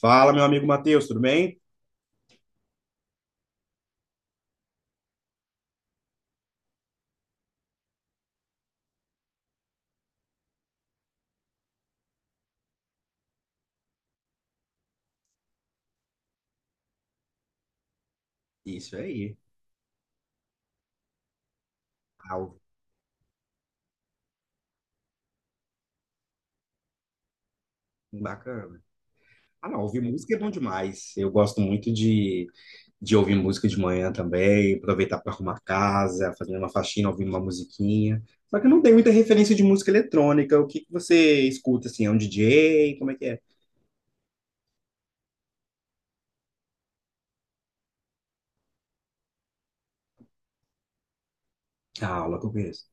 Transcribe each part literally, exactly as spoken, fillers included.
Fala, meu amigo Matheus, tudo bem? Isso aí. Ah, o- Bacana. Ah, não, ouvir música é bom demais. Eu gosto muito de, de ouvir música de manhã também, aproveitar para arrumar a casa, fazer uma faxina, ouvir uma musiquinha. Só que eu não tenho muita referência de música eletrônica. O que que você escuta, assim? É um D J? Como é que é? A aula que eu conheço.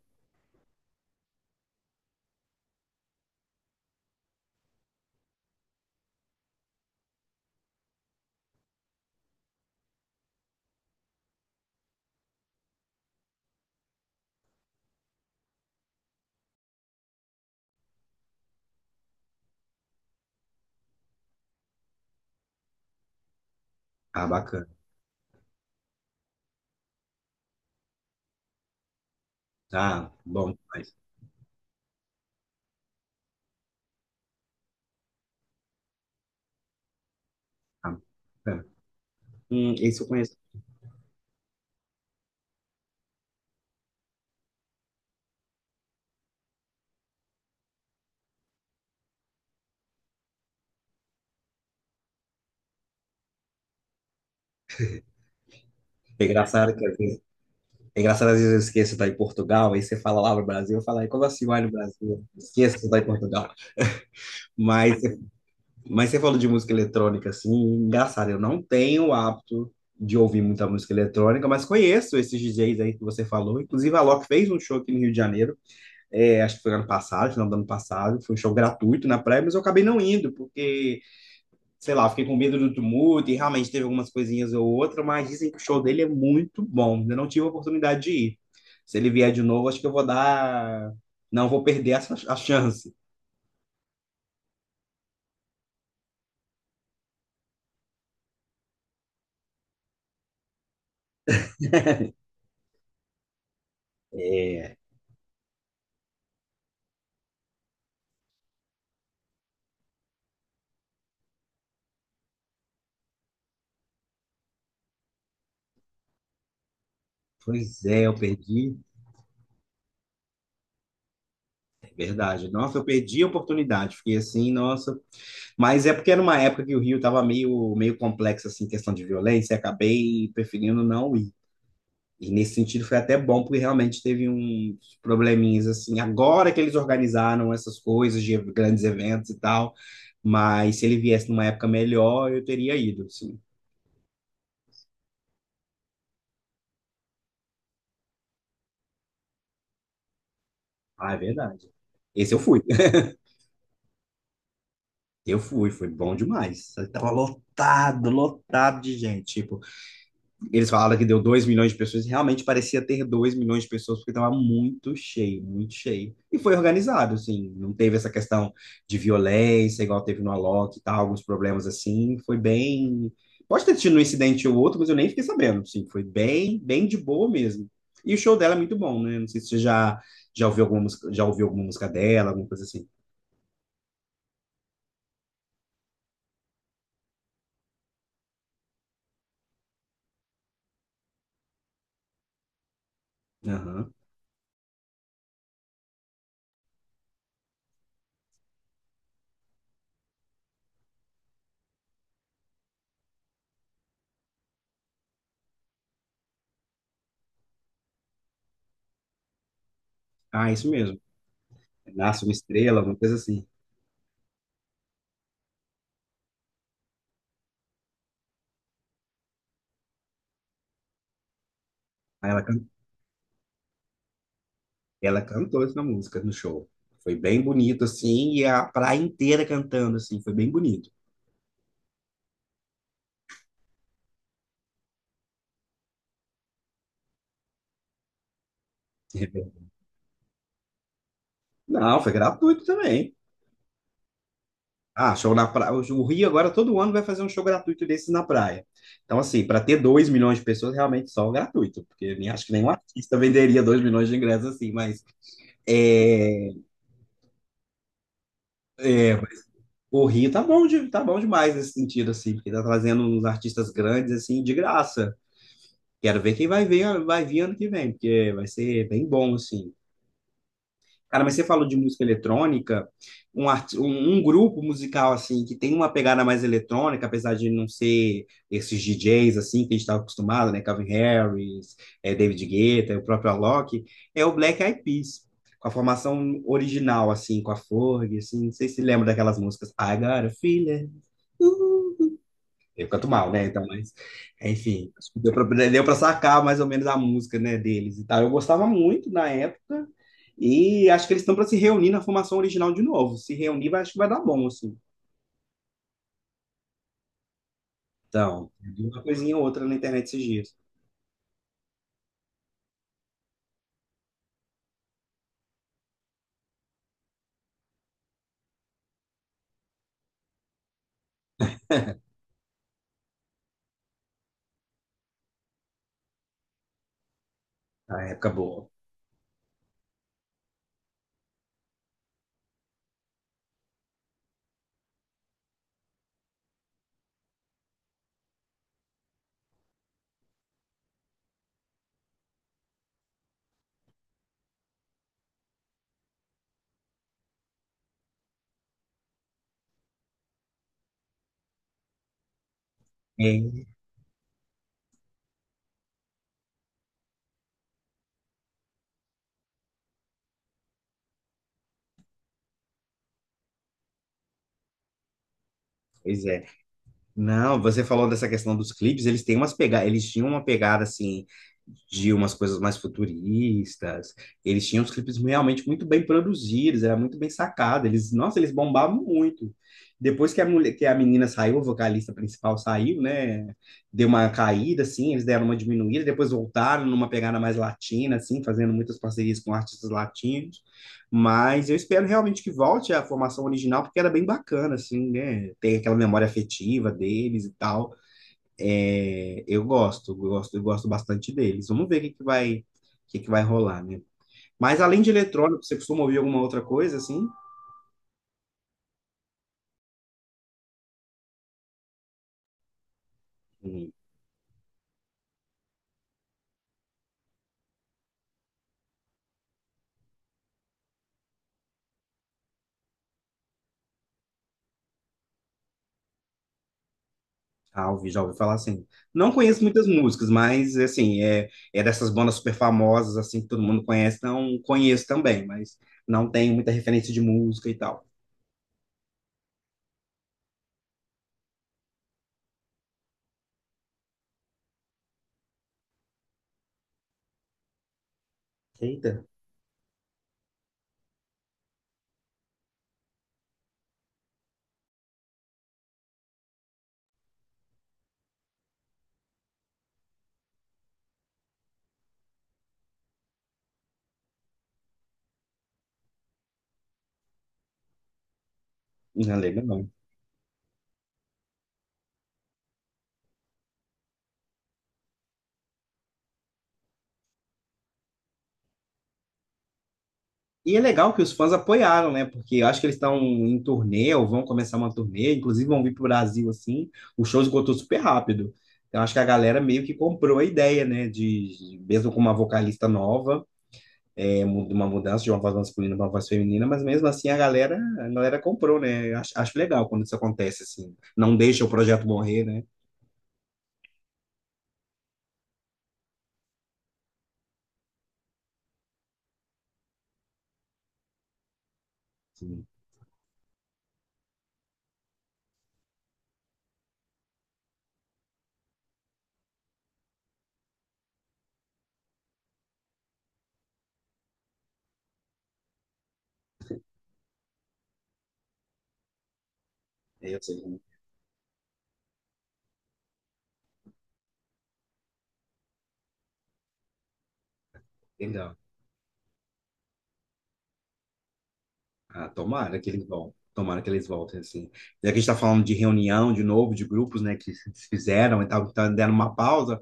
Ah, bacana. Ah, bom demais. Ah, bacana. Hum, esse eu conheço. É engraçado que É engraçado, às vezes eu esqueço de estar em Portugal, aí você fala lá no Brasil, eu falo, "Ai, como assim vai no Brasil? Esqueço de estar em Portugal." Mas, mas você falou de música eletrônica, assim, engraçado, eu não tenho o hábito de ouvir muita música eletrônica, mas conheço esses D Js aí que você falou. Inclusive, a Loki fez um show aqui no Rio de Janeiro, é, acho que foi ano passado, final do ano passado, foi um show gratuito na praia, mas eu acabei não indo, porque sei lá, fiquei com medo do tumulto e realmente teve algumas coisinhas ou outra, mas dizem que o show dele é muito bom. Ainda não tive a oportunidade de ir. Se ele vier de novo, acho que eu vou dar. Não vou perder essa, a chance. É, pois é, eu perdi. É verdade. Nossa, eu perdi a oportunidade. Fiquei assim, nossa. Mas é porque era uma época que o Rio estava meio, meio complexo, assim, questão de violência, e acabei preferindo não ir. E nesse sentido foi até bom, porque realmente teve uns probleminhas assim. Agora que eles organizaram essas coisas de grandes eventos e tal, mas se ele viesse numa época melhor, eu teria ido, assim. Ah, é verdade. Esse eu fui. Eu fui, foi bom demais. Tava lotado, lotado de gente. Tipo, eles falaram que deu dois milhões de pessoas e realmente parecia ter dois milhões de pessoas, porque estava muito cheio, muito cheio. E foi organizado, assim, não teve essa questão de violência, igual teve no Alok e tal, alguns problemas assim. Foi bem. Pode ter tido um incidente ou outro, mas eu nem fiquei sabendo, assim, foi bem, bem de boa mesmo. E o show dela é muito bom, né? Não sei se você já, Já ouviu alguma música, já ouviu alguma música dela, alguma coisa assim. Aham. Ah, isso mesmo. Nasce uma estrela, alguma coisa assim. Aí ela Ela cantou essa música no show. Foi bem bonito, assim, e a praia inteira cantando, assim, foi bem bonito. Não, foi gratuito também. Ah, show na praia. O Rio agora todo ano vai fazer um show gratuito desses na praia. Então, assim, para ter dois milhões de pessoas, realmente só o gratuito, porque nem acho que nenhum artista venderia dois milhões de ingressos assim, mas é, é, o Rio tá bom, de, tá bom demais nesse sentido, assim, porque tá trazendo uns artistas grandes, assim, de graça. Quero ver quem vai ver, vai vir ano que vem, porque vai ser bem bom, assim. Cara, mas você falou de música eletrônica, um, arti- um, um grupo musical assim que tem uma pegada mais eletrônica, apesar de não ser esses D Js assim que a gente estava acostumado, né? Calvin Harris, eh, David Guetta, o próprio Alok, é o Black Eyed Peas, com a formação original assim, com a Fergie, assim, não sei se lembra daquelas músicas I Got a Feeling, eu canto mal, né? Então, mas, enfim, acho que deu para deu para sacar mais ou menos a música, né, deles e tal. Eu gostava muito na época e acho que eles estão para se reunir na formação original de novo. Se reunir, vai, acho que vai dar bom, assim. Então, eu vi uma coisinha ou outra na internet esses dias. Na época boa. É, pois é. Não, você falou dessa questão dos clipes, eles têm umas pega, eles tinham uma pegada assim de umas coisas mais futuristas. Eles tinham os clipes realmente muito bem produzidos, era muito bem sacado. Eles, nossa, eles bombavam muito. Depois que a mulher, que a menina saiu, a vocalista principal saiu, né? Deu uma caída assim, eles deram uma diminuída, depois voltaram numa pegada mais latina assim, fazendo muitas parcerias com artistas latinos. Mas eu espero realmente que volte à formação original, porque era bem bacana, assim, né? Tem aquela memória afetiva deles e tal. É, eu gosto, eu gosto, eu gosto bastante deles. Vamos ver o que que vai, o que que vai rolar, né? Mas além de eletrônico, você costuma ouvir alguma outra coisa, assim? Hum, Ah, ouvi, já ouvi falar assim. Não conheço muitas músicas, mas, assim, é, é dessas bandas super famosas, assim, que todo mundo conhece. Não conheço também, mas não tenho muita referência de música e tal. Eita, não lembro. E é legal que os fãs apoiaram, né? Porque eu acho que eles estão em turnê, ou vão começar uma turnê, inclusive vão vir para o Brasil, assim. O show esgotou super rápido. Então, acho que a galera meio que comprou a ideia, né? De, de- mesmo com uma vocalista nova, é, mu- de uma mudança de uma voz masculina para uma voz feminina, mas mesmo assim a galera, a galera comprou, né? Eu Acho, acho legal quando isso acontece, assim. Não deixa o projeto morrer, né? Sim. É, eu sei, né? Legal. Ah, tomara que eles vão. Tomara que eles voltem, assim. Já que a gente está falando de reunião, de novo, de grupos, né, que se fizeram e tal, que tá dando uma pausa,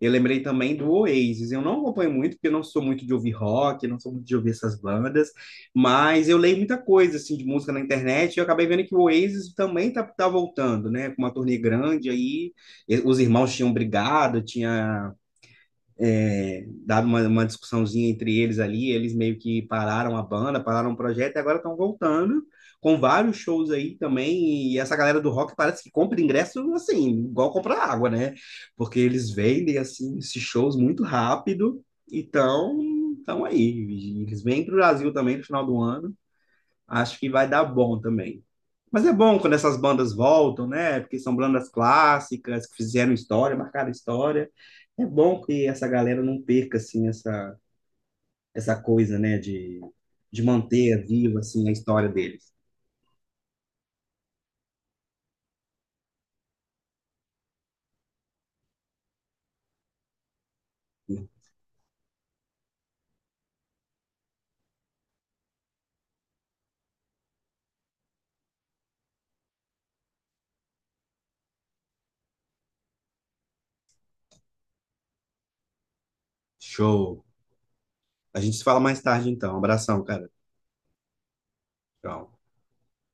eu lembrei também do Oasis. Eu não acompanho muito, porque eu não sou muito de ouvir rock, não sou muito de ouvir essas bandas, mas eu leio muita coisa, assim, de música na internet, e eu acabei vendo que o Oasis também tá, tá voltando, né, com uma turnê grande aí. E- Os irmãos tinham brigado, tinha é, dado uma, uma discussãozinha entre eles ali, eles meio que pararam a banda, pararam o projeto e agora estão voltando com vários shows aí também. E essa galera do rock parece que compra ingresso assim, igual comprar água, né? Porque eles vendem assim esses shows muito rápido. Então, então aí, eles vêm para o Brasil também no final do ano. Acho que vai dar bom também. Mas é bom quando essas bandas voltam, né? Porque são bandas clássicas, que fizeram história, marcaram história. É bom que essa galera não perca, assim, essa, essa coisa, né? De, de manter viva, assim, a história deles. Show. A gente se fala mais tarde, então. Abração, cara. Tchau.